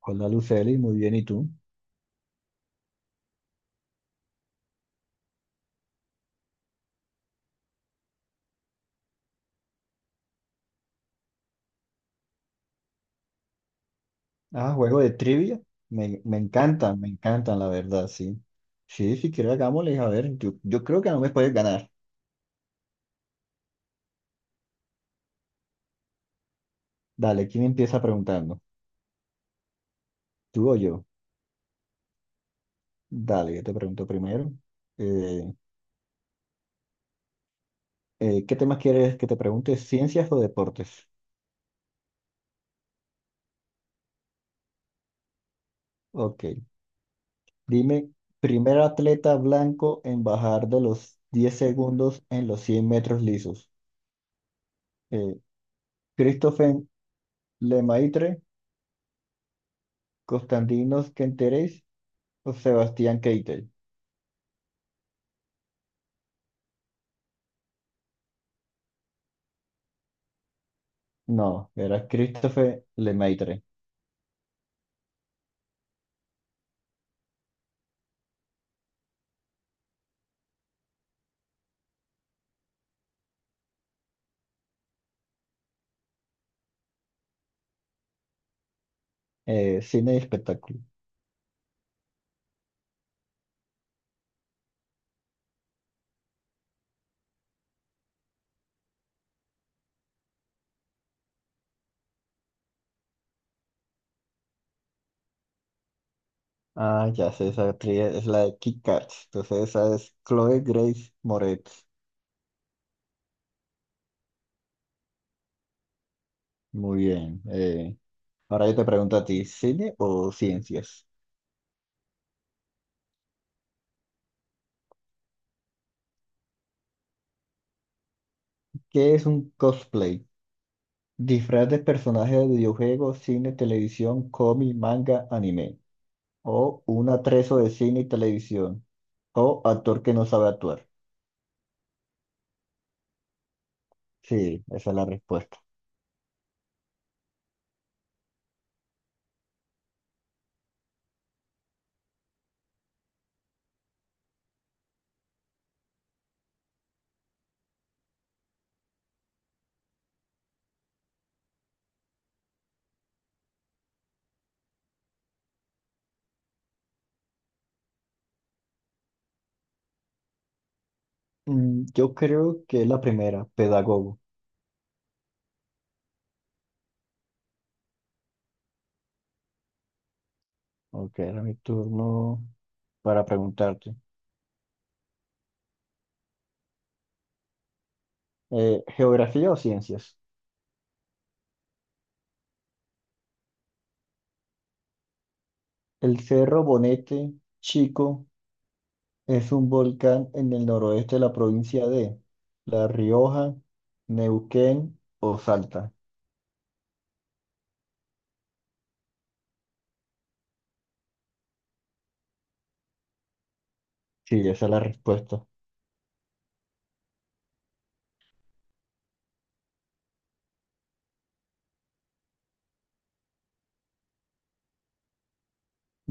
Hola Luceli, muy bien, ¿y tú? Ah, juego de trivia. Me encantan, me encantan, la verdad, sí. Sí, si quieres hagámosle, a ver, yo creo que no me puedes ganar. Dale, ¿quién empieza preguntando? ¿Tú o yo? Dale, yo te pregunto primero. Eh, ¿Qué temas quieres que te pregunte? ¿Ciencias o deportes? Ok, dime, primer atleta blanco en bajar de los 10 segundos en los 100 metros lisos. Eh, Christopher Lemaitre, Constantinos Kenteris Sebastián Keitel. No, era Christopher Lemaitre. Cine y espectáculo. Ah, ya sé, esa actriz es la de Kick-Ass. Entonces esa es Chloe Grace Moretz. Muy bien. Ahora yo te pregunto a ti, ¿cine o ciencias? ¿Qué es un cosplay? Disfraz de personaje de videojuego, cine, televisión, cómic, manga, anime. O un atrezo de cine y televisión. O actor que no sabe actuar. Sí, esa es la respuesta. Yo creo que es la primera, pedagogo. Ok, era mi turno para preguntarte. ¿Geografía o ciencias? El Cerro Bonete Chico es un volcán en el noroeste de la provincia de La Rioja, Neuquén o Salta. Sí, esa es la respuesta.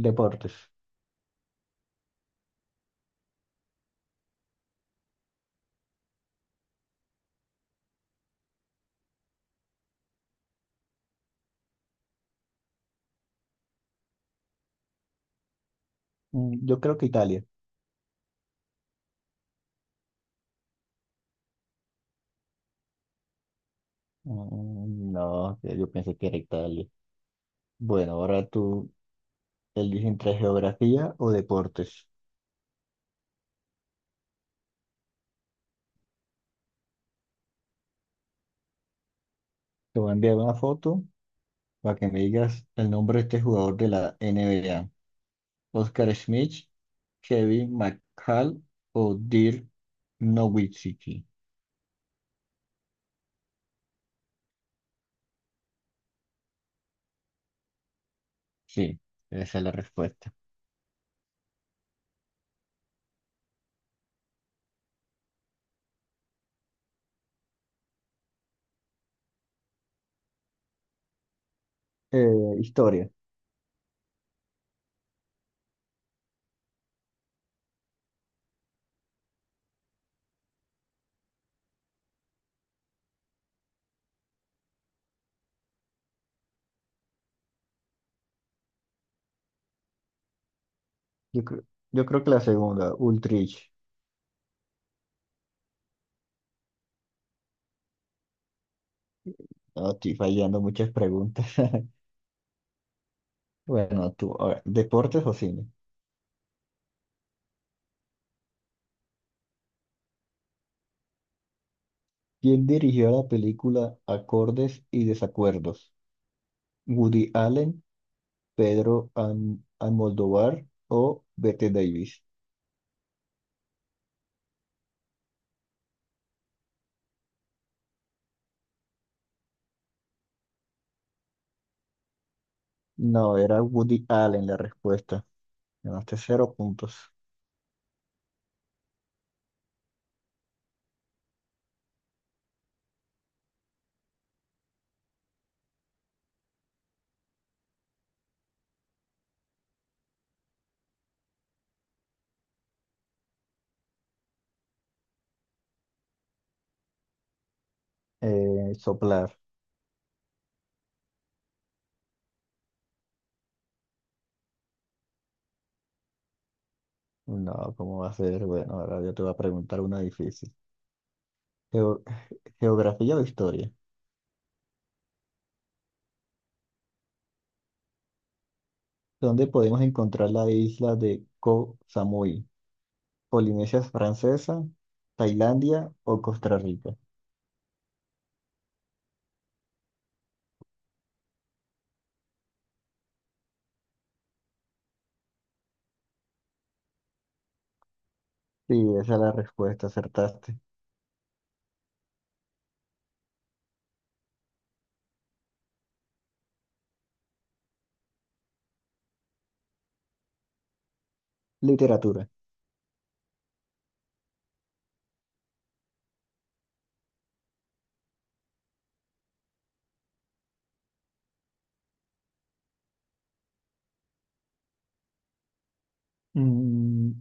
Deportes. Yo creo que Italia. No, yo pensé que era Italia. Bueno, ahora tú eliges entre geografía o deportes. Te voy a enviar una foto para que me digas el nombre de este jugador de la NBA. Oscar Schmidt, Kevin McHale o Dirk Nowitzki. Sí, esa es la respuesta. Eh, Historia. Yo creo, yo creo que la segunda, Ultrich. No, estoy fallando muchas preguntas. Bueno, tú, a ver, deportes o cine. ¿Quién dirigió la película Acordes y Desacuerdos? ¿Woody Allen, Pedro Almodóvar o Bette Davis? No, era Woody Allen la respuesta. Ganaste 0 puntos. Soplar. No, ¿cómo va a ser? Bueno, ahora yo te voy a preguntar una difícil. Geo- ¿Geografía o historia? ¿Dónde podemos encontrar la isla de Koh Samui? ¿Polinesia Francesa, Tailandia o Costa Rica? Sí, esa es la respuesta, acertaste. Literatura. Mm,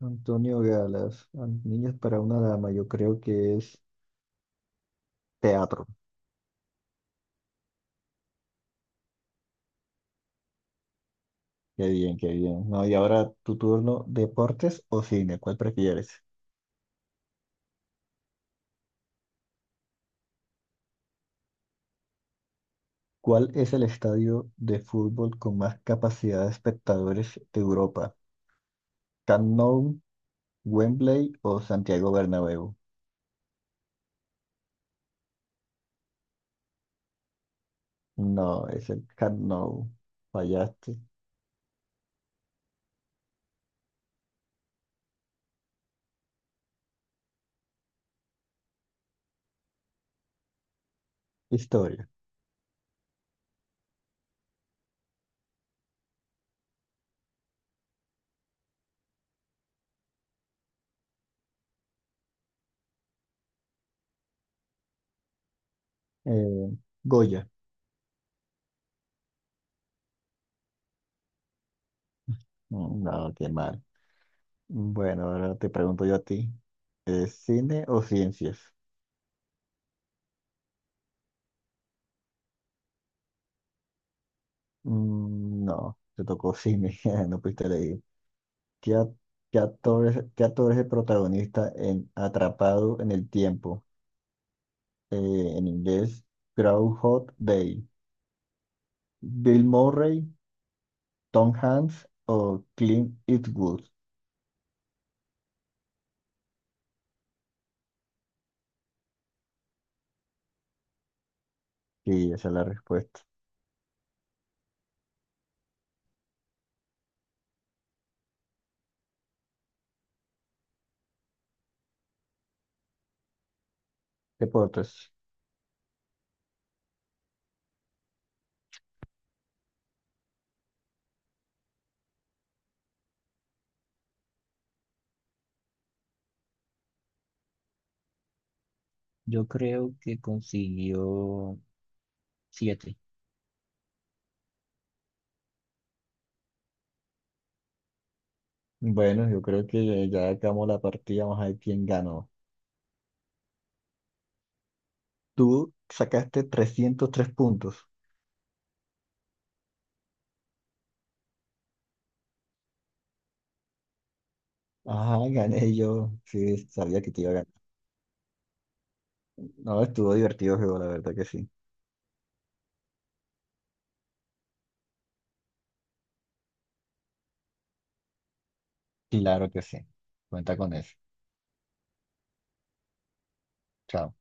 Antonio Galas, Niños para una dama, yo creo que es teatro. Qué bien, qué bien. No, y ahora tu turno, ¿deportes o cine? ¿Cuál prefieres? ¿Cuál es el estadio de fútbol con más capacidad de espectadores de Europa? ¿Camp Nou, Wembley o Santiago Bernabéu? No, es el Camp Nou. Fallaste. Historia. Eh, Goya. No, qué mal. Bueno, ahora te pregunto yo a ti. ¿Es cine o ciencias? No, te tocó cine, no pudiste leer. ¿Qué, a- qué actor es el protagonista en Atrapado en el Tiempo? En inglés, Groundhog Day. ¿Bill Murray, Tom Hanks o Clint Eastwood? Sí, esa es la respuesta. Deportes. Yo creo que consiguió siete. Bueno, yo creo que ya acabamos la partida, vamos a ver quién ganó. Tú sacaste 303 puntos. Ajá, gané yo. Sí, sabía que te iba a ganar. No, estuvo divertido el juego, la verdad que sí. Claro que sí. Cuenta con eso. Chao.